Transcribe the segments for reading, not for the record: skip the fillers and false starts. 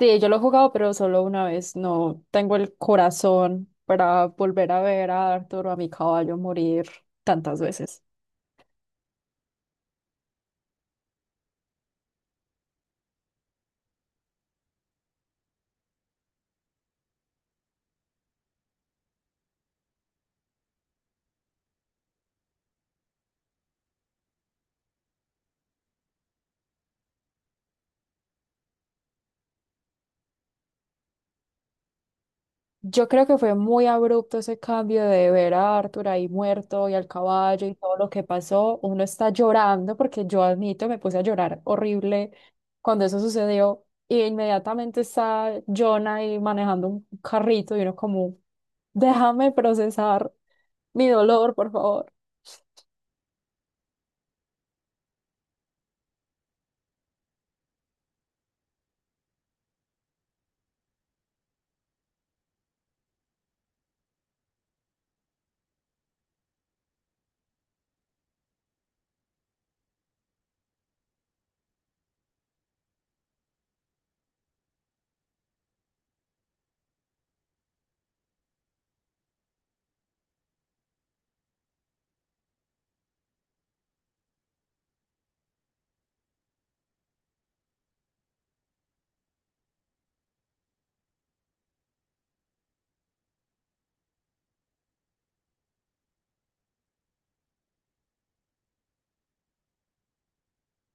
Sí, yo lo he jugado, pero solo una vez. No tengo el corazón para volver a ver a Arthur o a mi caballo morir tantas veces. Yo creo que fue muy abrupto ese cambio de ver a Arthur ahí muerto y al caballo y todo lo que pasó. Uno está llorando porque yo admito, me puse a llorar horrible cuando eso sucedió. Y inmediatamente está John ahí manejando un carrito y uno como, déjame procesar mi dolor, por favor.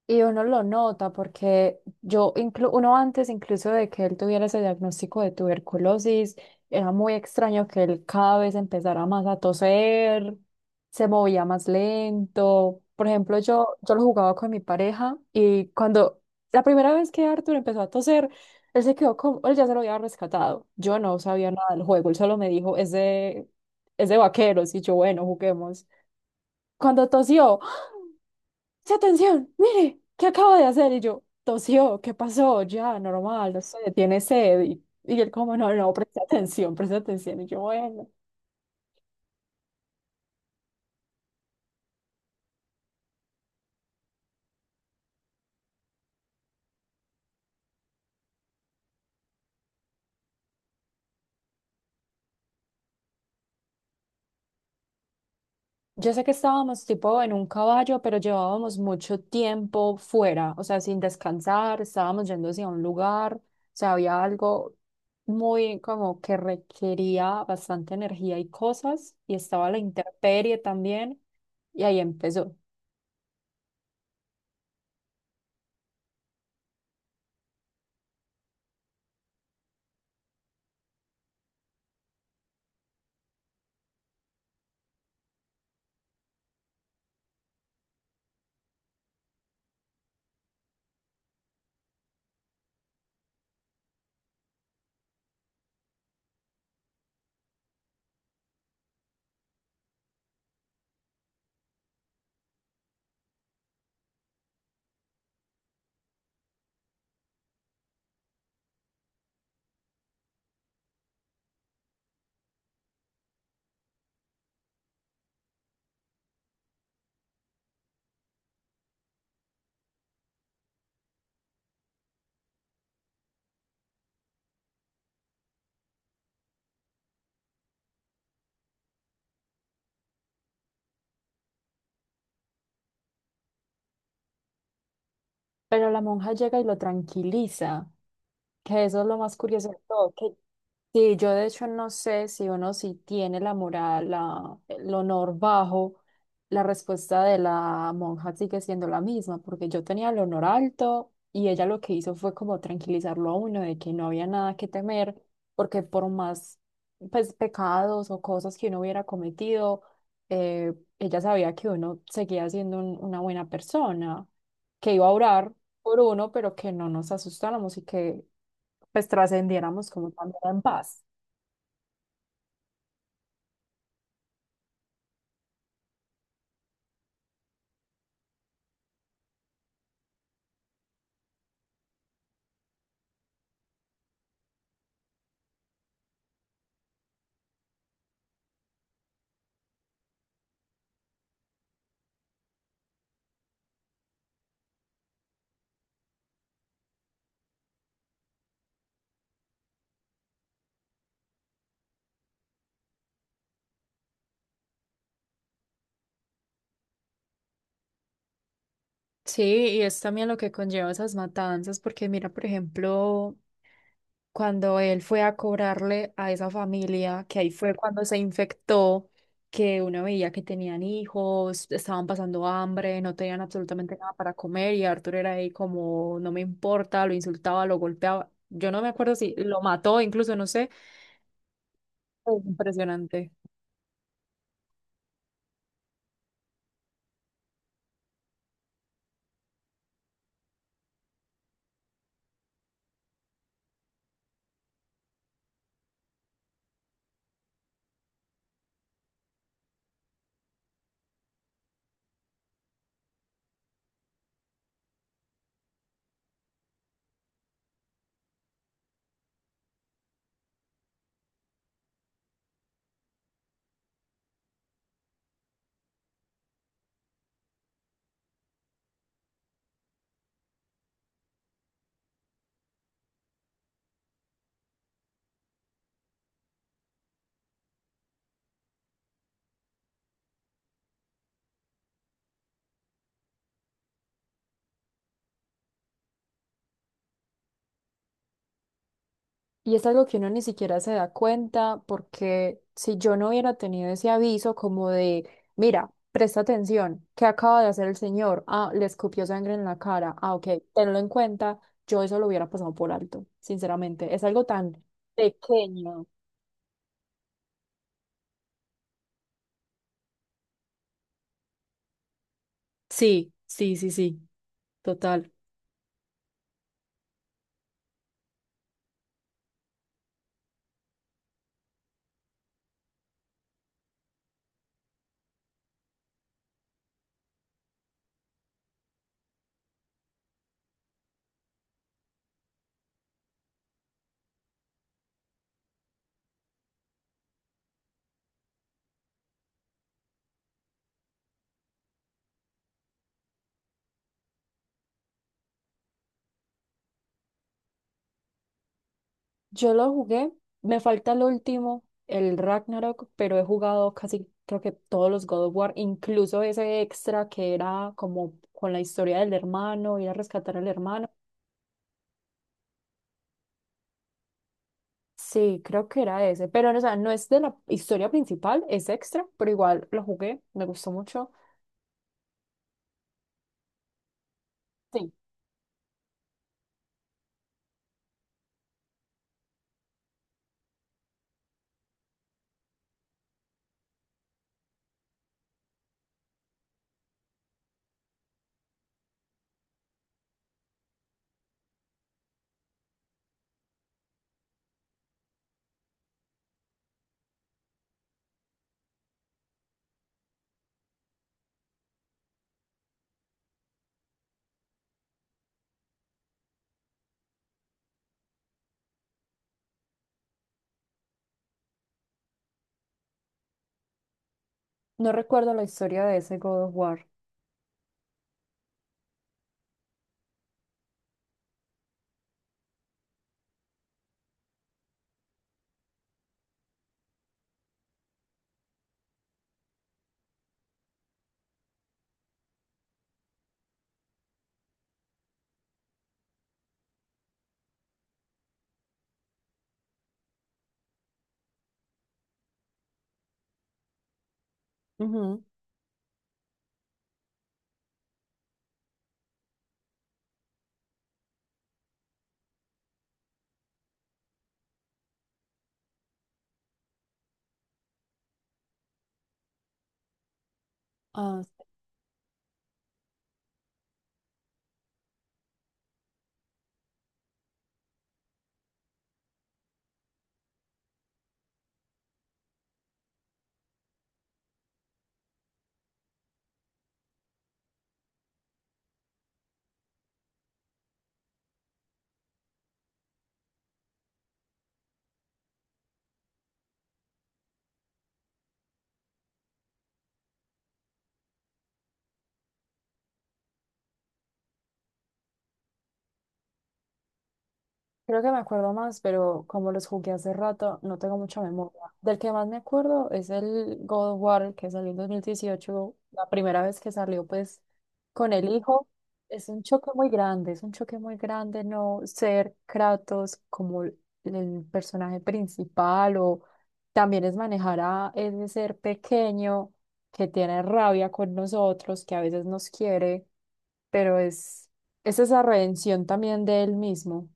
Y uno lo nota porque yo, inclu uno antes incluso de que él tuviera ese diagnóstico de tuberculosis, era muy extraño que él cada vez empezara más a toser, se movía más lento. Por ejemplo, yo lo jugaba con mi pareja y cuando la primera vez que Arthur empezó a toser, él se quedó como, él ya se lo había rescatado. Yo no sabía nada del juego, él solo me dijo, es de vaqueros y yo, bueno, juguemos. Cuando tosió, ¡se atención! ¡Mire! ¿Qué acabo de hacer? Y yo, tosió, ¿qué pasó? Ya, normal, no sé, tiene sed. Y él como, no, no, presta atención, presta atención. Y yo, bueno. Yo sé que estábamos tipo en un caballo, pero llevábamos mucho tiempo fuera, o sea, sin descansar, estábamos yendo hacia un lugar, o sea, había algo muy como que requería bastante energía y cosas, y estaba la intemperie también, y ahí empezó. Pero la monja llega y lo tranquiliza, que eso es lo más curioso de todo, que sí, yo de hecho no sé si uno si tiene la moral, la, el honor bajo, la respuesta de la monja sigue siendo la misma, porque yo tenía el honor alto y ella lo que hizo fue como tranquilizarlo a uno de que no había nada que temer, porque por más pues, pecados o cosas que uno hubiera cometido, eh, ella sabía que uno seguía siendo una buena persona, que iba a orar por uno, pero que no nos asustáramos y que pues trascendiéramos como también en paz. Sí, y es también lo que conlleva esas matanzas, porque mira, por ejemplo, cuando él fue a cobrarle a esa familia, que ahí fue cuando se infectó, que uno veía que tenían hijos, estaban pasando hambre, no tenían absolutamente nada para comer, y Arthur era ahí como, no me importa, lo insultaba, lo golpeaba. Yo no me acuerdo si lo mató, incluso no sé. Fue impresionante. Y es algo que uno ni siquiera se da cuenta porque si yo no hubiera tenido ese aviso como de, mira, presta atención, ¿qué acaba de hacer el señor? Ah, le escupió sangre en la cara. Ah, ok, tenlo en cuenta, yo eso lo hubiera pasado por alto, sinceramente. Es algo tan pequeño. Sí, sí, sí, sí, total. Yo lo jugué, me falta el último, el Ragnarok, pero he jugado casi, creo que todos los God of War, incluso ese extra que era como con la historia del hermano, ir a rescatar al hermano. Sí, creo que era ese, pero o sea, no es de la historia principal, es extra, pero igual lo jugué, me gustó mucho. Sí, no recuerdo la historia de ese God of War. Ujú. Ah, creo que me acuerdo más, pero como los jugué hace rato, no tengo mucha memoria. Del que más me acuerdo es el God of War, que salió en 2018, la primera vez que salió, pues, con el hijo. Es un choque muy grande, es un choque muy grande no ser Kratos como el personaje principal o también es manejar a ese ser pequeño que tiene rabia con nosotros, que a veces nos quiere, pero es esa redención también de él mismo.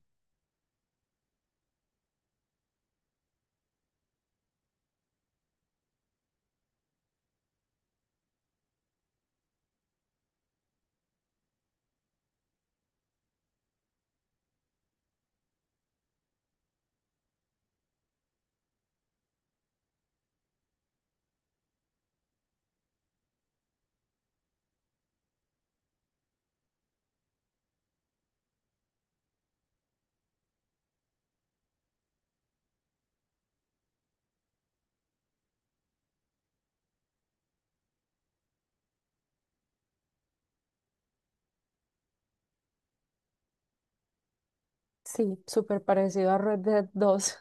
Sí, súper parecido a Red Dead 2.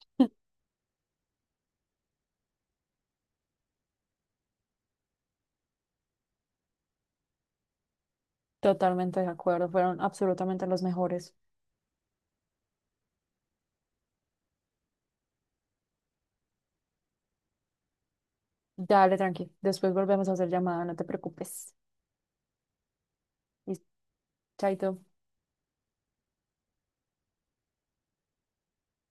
Totalmente de acuerdo, fueron absolutamente los mejores. Dale, tranqui. Después volvemos a hacer llamada, no te preocupes. Y chaito.